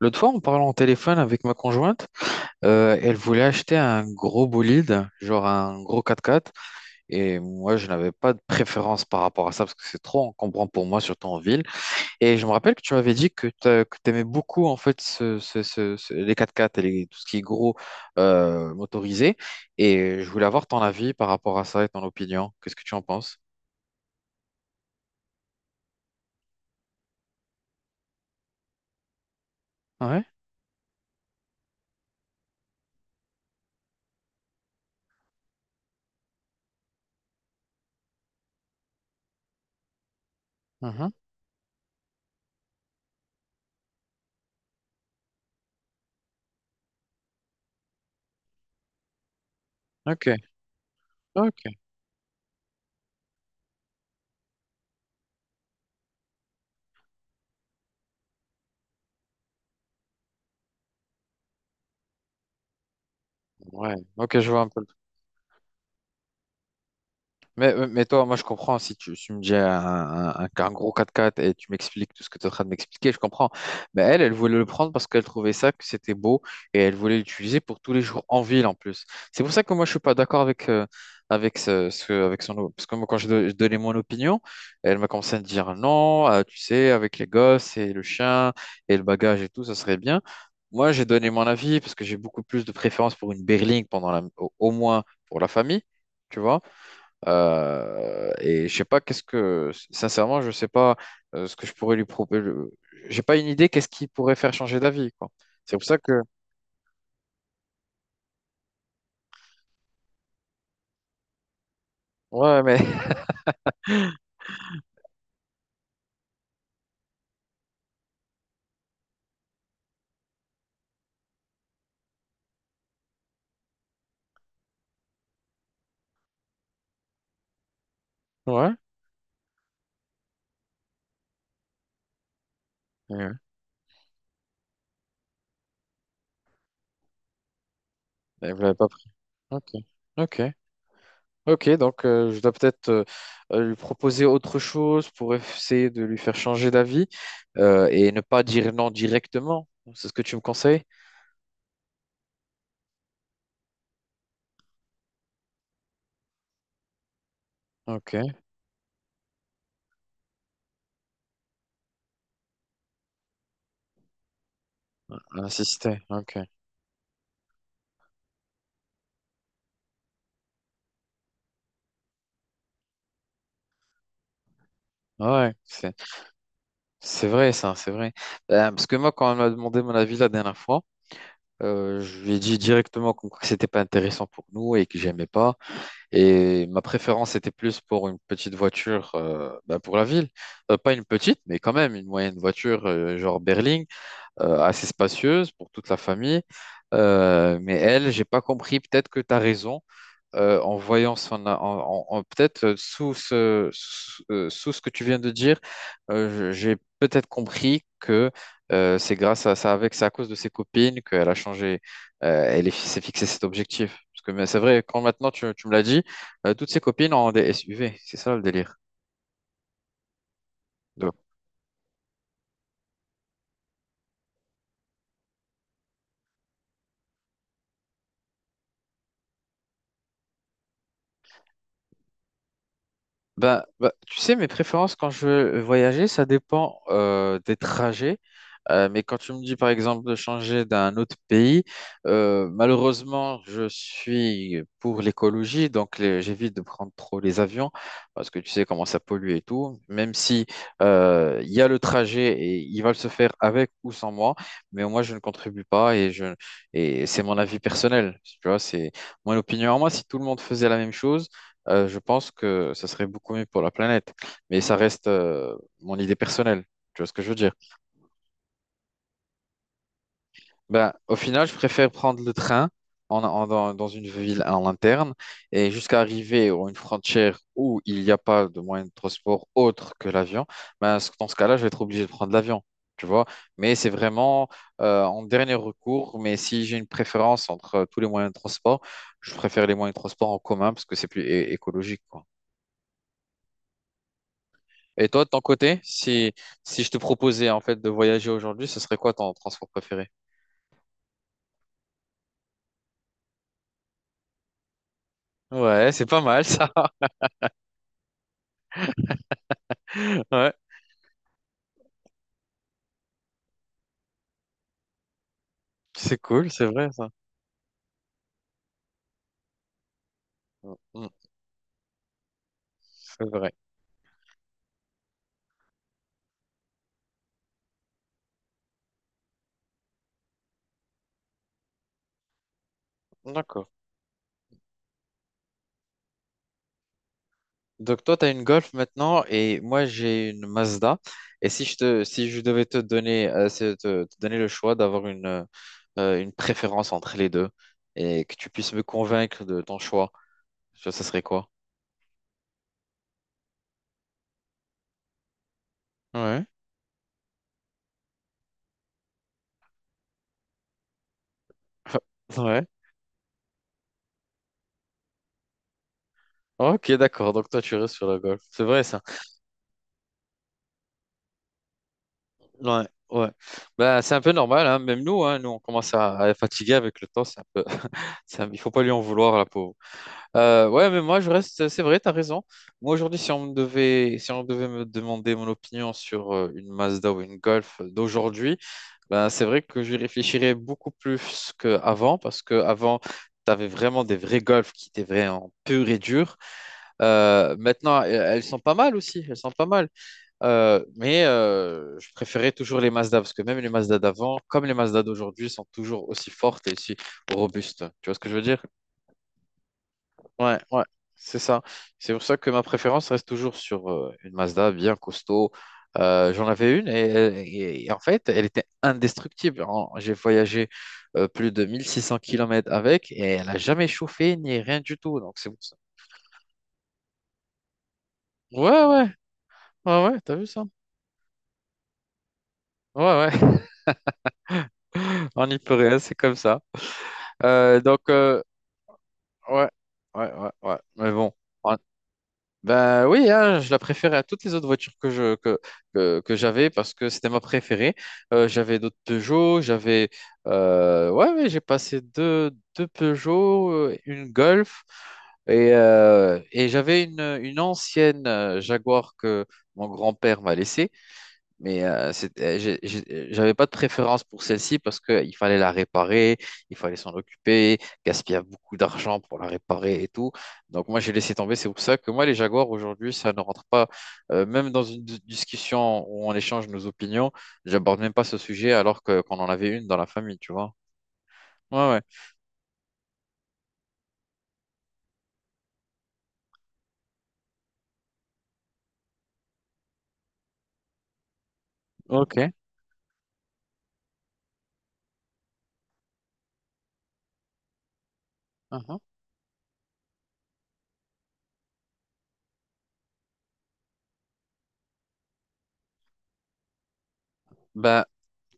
L'autre fois, en parlant au téléphone avec ma conjointe, elle voulait acheter un gros bolide, genre un gros 4x4. Et moi, je n'avais pas de préférence par rapport à ça parce que c'est trop encombrant pour moi, surtout en ville. Et je me rappelle que tu m'avais dit que tu aimais beaucoup en fait les 4x4 et tout ce qui est gros motorisé. Et je voulais avoir ton avis par rapport à ça et ton opinion. Qu'est-ce que tu en penses? Ouais. Mhm. Ok. Ok. Ouais. Ok, je vois un peu. Mais toi, moi, je comprends si tu me dis qu'un gros quatre quatre et tu m'expliques tout ce que tu es en train de m'expliquer, je comprends. Mais elle, elle voulait le prendre parce qu'elle trouvait ça, que c'était beau et elle voulait l'utiliser pour tous les jours en ville en plus. C'est pour ça que moi, je suis pas d'accord avec, avec son. Parce que moi, je donnais mon opinion, elle m'a commencé à me dire non, tu sais, avec les gosses et le chien et le bagage et tout, ça serait bien. Moi, j'ai donné mon avis parce que j'ai beaucoup plus de préférence pour une berline pendant la, au moins pour la famille, tu vois. Et je sais pas qu'est-ce que, sincèrement, je sais pas ce que je pourrais lui proposer. J'ai pas une idée qu'est-ce qui pourrait faire changer d'avis, quoi. C'est pour ça que, ouais, mais ouais, ouais. Et vous l'avez pas pris. Ok, ok, ok. Donc je dois peut-être lui proposer autre chose pour essayer de lui faire changer d'avis et ne pas dire non directement. C'est ce que tu me conseilles? Ok, insister. Ok, ouais, c'est vrai ça, c'est vrai. Parce que moi, quand on m'a demandé mon avis la dernière fois. Je lui ai dit directement comme quoi que c'était pas intéressant pour nous et que j'aimais pas. Et ma préférence était plus pour une petite voiture bah, pour la ville. Pas une petite, mais quand même une moyenne voiture genre berline, assez spacieuse pour toute la famille. Mais elle, j'ai pas compris. Peut-être que tu as raison en voyant son, a- en, en- en- peut-être sous sous ce que tu viens de dire, j'ai peut-être compris que c'est grâce à ça, avec, c'est à cause de ses copines qu'elle a changé, elle s'est fixé cet objectif. Parce que mais c'est vrai, quand maintenant tu me l'as dit, toutes ses copines ont des SUV, c'est ça le délire. Tu sais, mes préférences quand je veux voyager, ça dépend des trajets. Mais quand tu me dis, par exemple, de changer d'un autre pays, malheureusement, je suis pour l'écologie, donc j'évite de prendre trop les avions parce que tu sais comment ça pollue et tout. Même si il y a le trajet et il va le se faire avec ou sans moi, mais moi, je ne contribue pas et je et c'est mon avis personnel. Tu vois, c'est mon opinion à moi. Si tout le monde faisait la même chose je pense que ça serait beaucoup mieux pour la planète. Mais ça reste mon idée personnelle. Tu vois ce que je veux dire? Ben, au final, je préfère prendre le train dans une ville en interne et jusqu'à arriver à une frontière où il n'y a pas de moyen de transport autre que l'avion. Ben, dans ce cas-là, je vais être obligé de prendre l'avion. Tu vois? Mais c'est vraiment en dernier recours. Mais si j'ai une préférence entre tous les moyens de transport, je préfère les moyens de transport en commun parce que c'est plus écologique, quoi. Et toi, de ton côté, si je te proposais en fait de voyager aujourd'hui, ce serait quoi ton transport préféré? Ouais, c'est pas mal ça. Ouais, c'est cool, c'est vrai ça. Mm, mm, c'est vrai. D'accord. Donc toi, tu as une Golf maintenant et moi, j'ai une Mazda. Et si je devais te donner, te donner le choix d'avoir une préférence entre les deux et que tu puisses me convaincre de ton choix, ça serait quoi? Ouais. Ouais. Ok, d'accord. Donc toi, tu restes sur la Golf. C'est vrai ça. Ouais, ouais. Bah, c'est un peu normal, hein. Même nous, hein, nous, on commence à être fatigué avec le temps. C'est un peu, il faut pas lui en vouloir, la pauvre. Ouais, mais moi, je reste. C'est vrai, t'as raison. Moi, aujourd'hui, si on devait me demander mon opinion sur une Mazda ou une Golf d'aujourd'hui, ben, c'est vrai que je réfléchirais beaucoup plus qu'avant, parce qu'avant, tu avais vraiment des vrais Golf qui étaient vraiment purs et durs. Maintenant, elles sont pas mal aussi. Elles sont pas mal. Je préférais toujours les Mazda parce que même les Mazda d'avant, comme les Mazda d'aujourd'hui, sont toujours aussi fortes et aussi robustes. Tu vois ce que je veux dire? Ouais, ouais, c'est ça. C'est pour ça que ma préférence reste toujours sur une Mazda bien costaud. J'en avais une et en fait, elle était indestructible. J'ai voyagé plus de 1 600 kilomètres avec et elle n'a jamais chauffé ni rien du tout. Donc c'est pour ça. Ouais, ouais, ouais, ouais, t'as vu ça? Ouais, ouais, on n'y peut rien, c'est comme ça. Euh, donc, euh, Ouais, ouais, ouais, ouais. Mais bon. Ouais. Ben oui, hein, je la préférais à toutes les autres voitures que j'avais parce que c'était ma préférée. J'avais d'autres Peugeot, j'avais ouais, ouais, deux Peugeot, une Golf et j'avais une ancienne Jaguar que mon grand-père m'a laissée. J'avais pas de préférence pour celle-ci parce qu'il fallait la réparer, il fallait s'en occuper, gaspiller beaucoup d'argent pour la réparer et tout. Donc moi, j'ai laissé tomber. C'est pour ça que moi, les Jaguars, aujourd'hui, ça ne rentre pas. Même dans une discussion où on échange nos opinions, j'aborde même pas ce sujet alors que qu'on en avait une dans la famille, tu vois. Ouais, ouais. Ok. Mhm. Bah,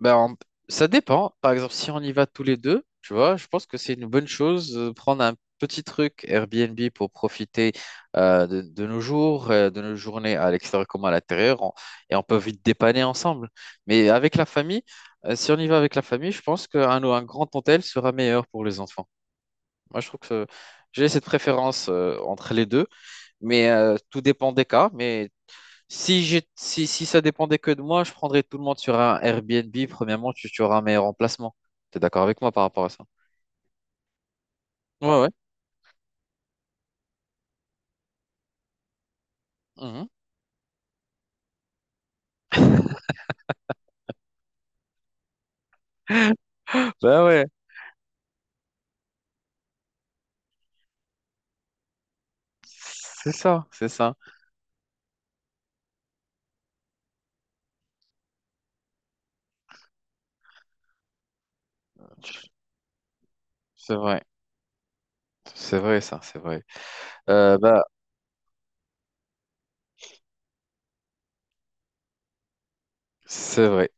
Ben, en- ça dépend. Par exemple, si on y va tous les deux, tu vois, je pense que c'est une bonne chose de prendre un petit truc Airbnb pour profiter de nos jours, de nos journées à l'extérieur comme à l'intérieur, et on peut vite dépanner ensemble. Mais avec la famille, si on y va avec la famille, je pense qu'un grand hôtel sera meilleur pour les enfants. Moi, je trouve que j'ai cette préférence entre les deux, tout dépend des cas. Mais si, si ça dépendait que de moi, je prendrais tout le monde sur un Airbnb. Premièrement, tu auras un meilleur emplacement. T'es d'accord avec moi par rapport à ça? Ouais, ouais. Mhm. Bah ouais. C'est ça, c'est ça. C'est vrai. C'est vrai, ça, c'est vrai. Euh, bah, c'est vrai.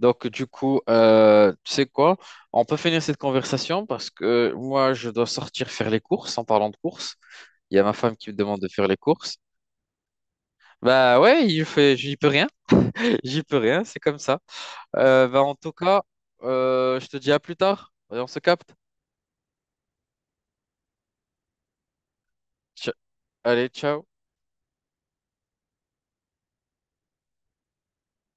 Donc, tu sais quoi? On peut finir cette conversation parce que moi, je dois sortir faire les courses. En parlant de courses, il y a ma femme qui me demande de faire les courses. Bah ouais, il fait, j'y peux rien. J'y peux rien, c'est comme ça. En tout cas, je te dis à plus tard. Et on se capte. Tch- Allez, ciao.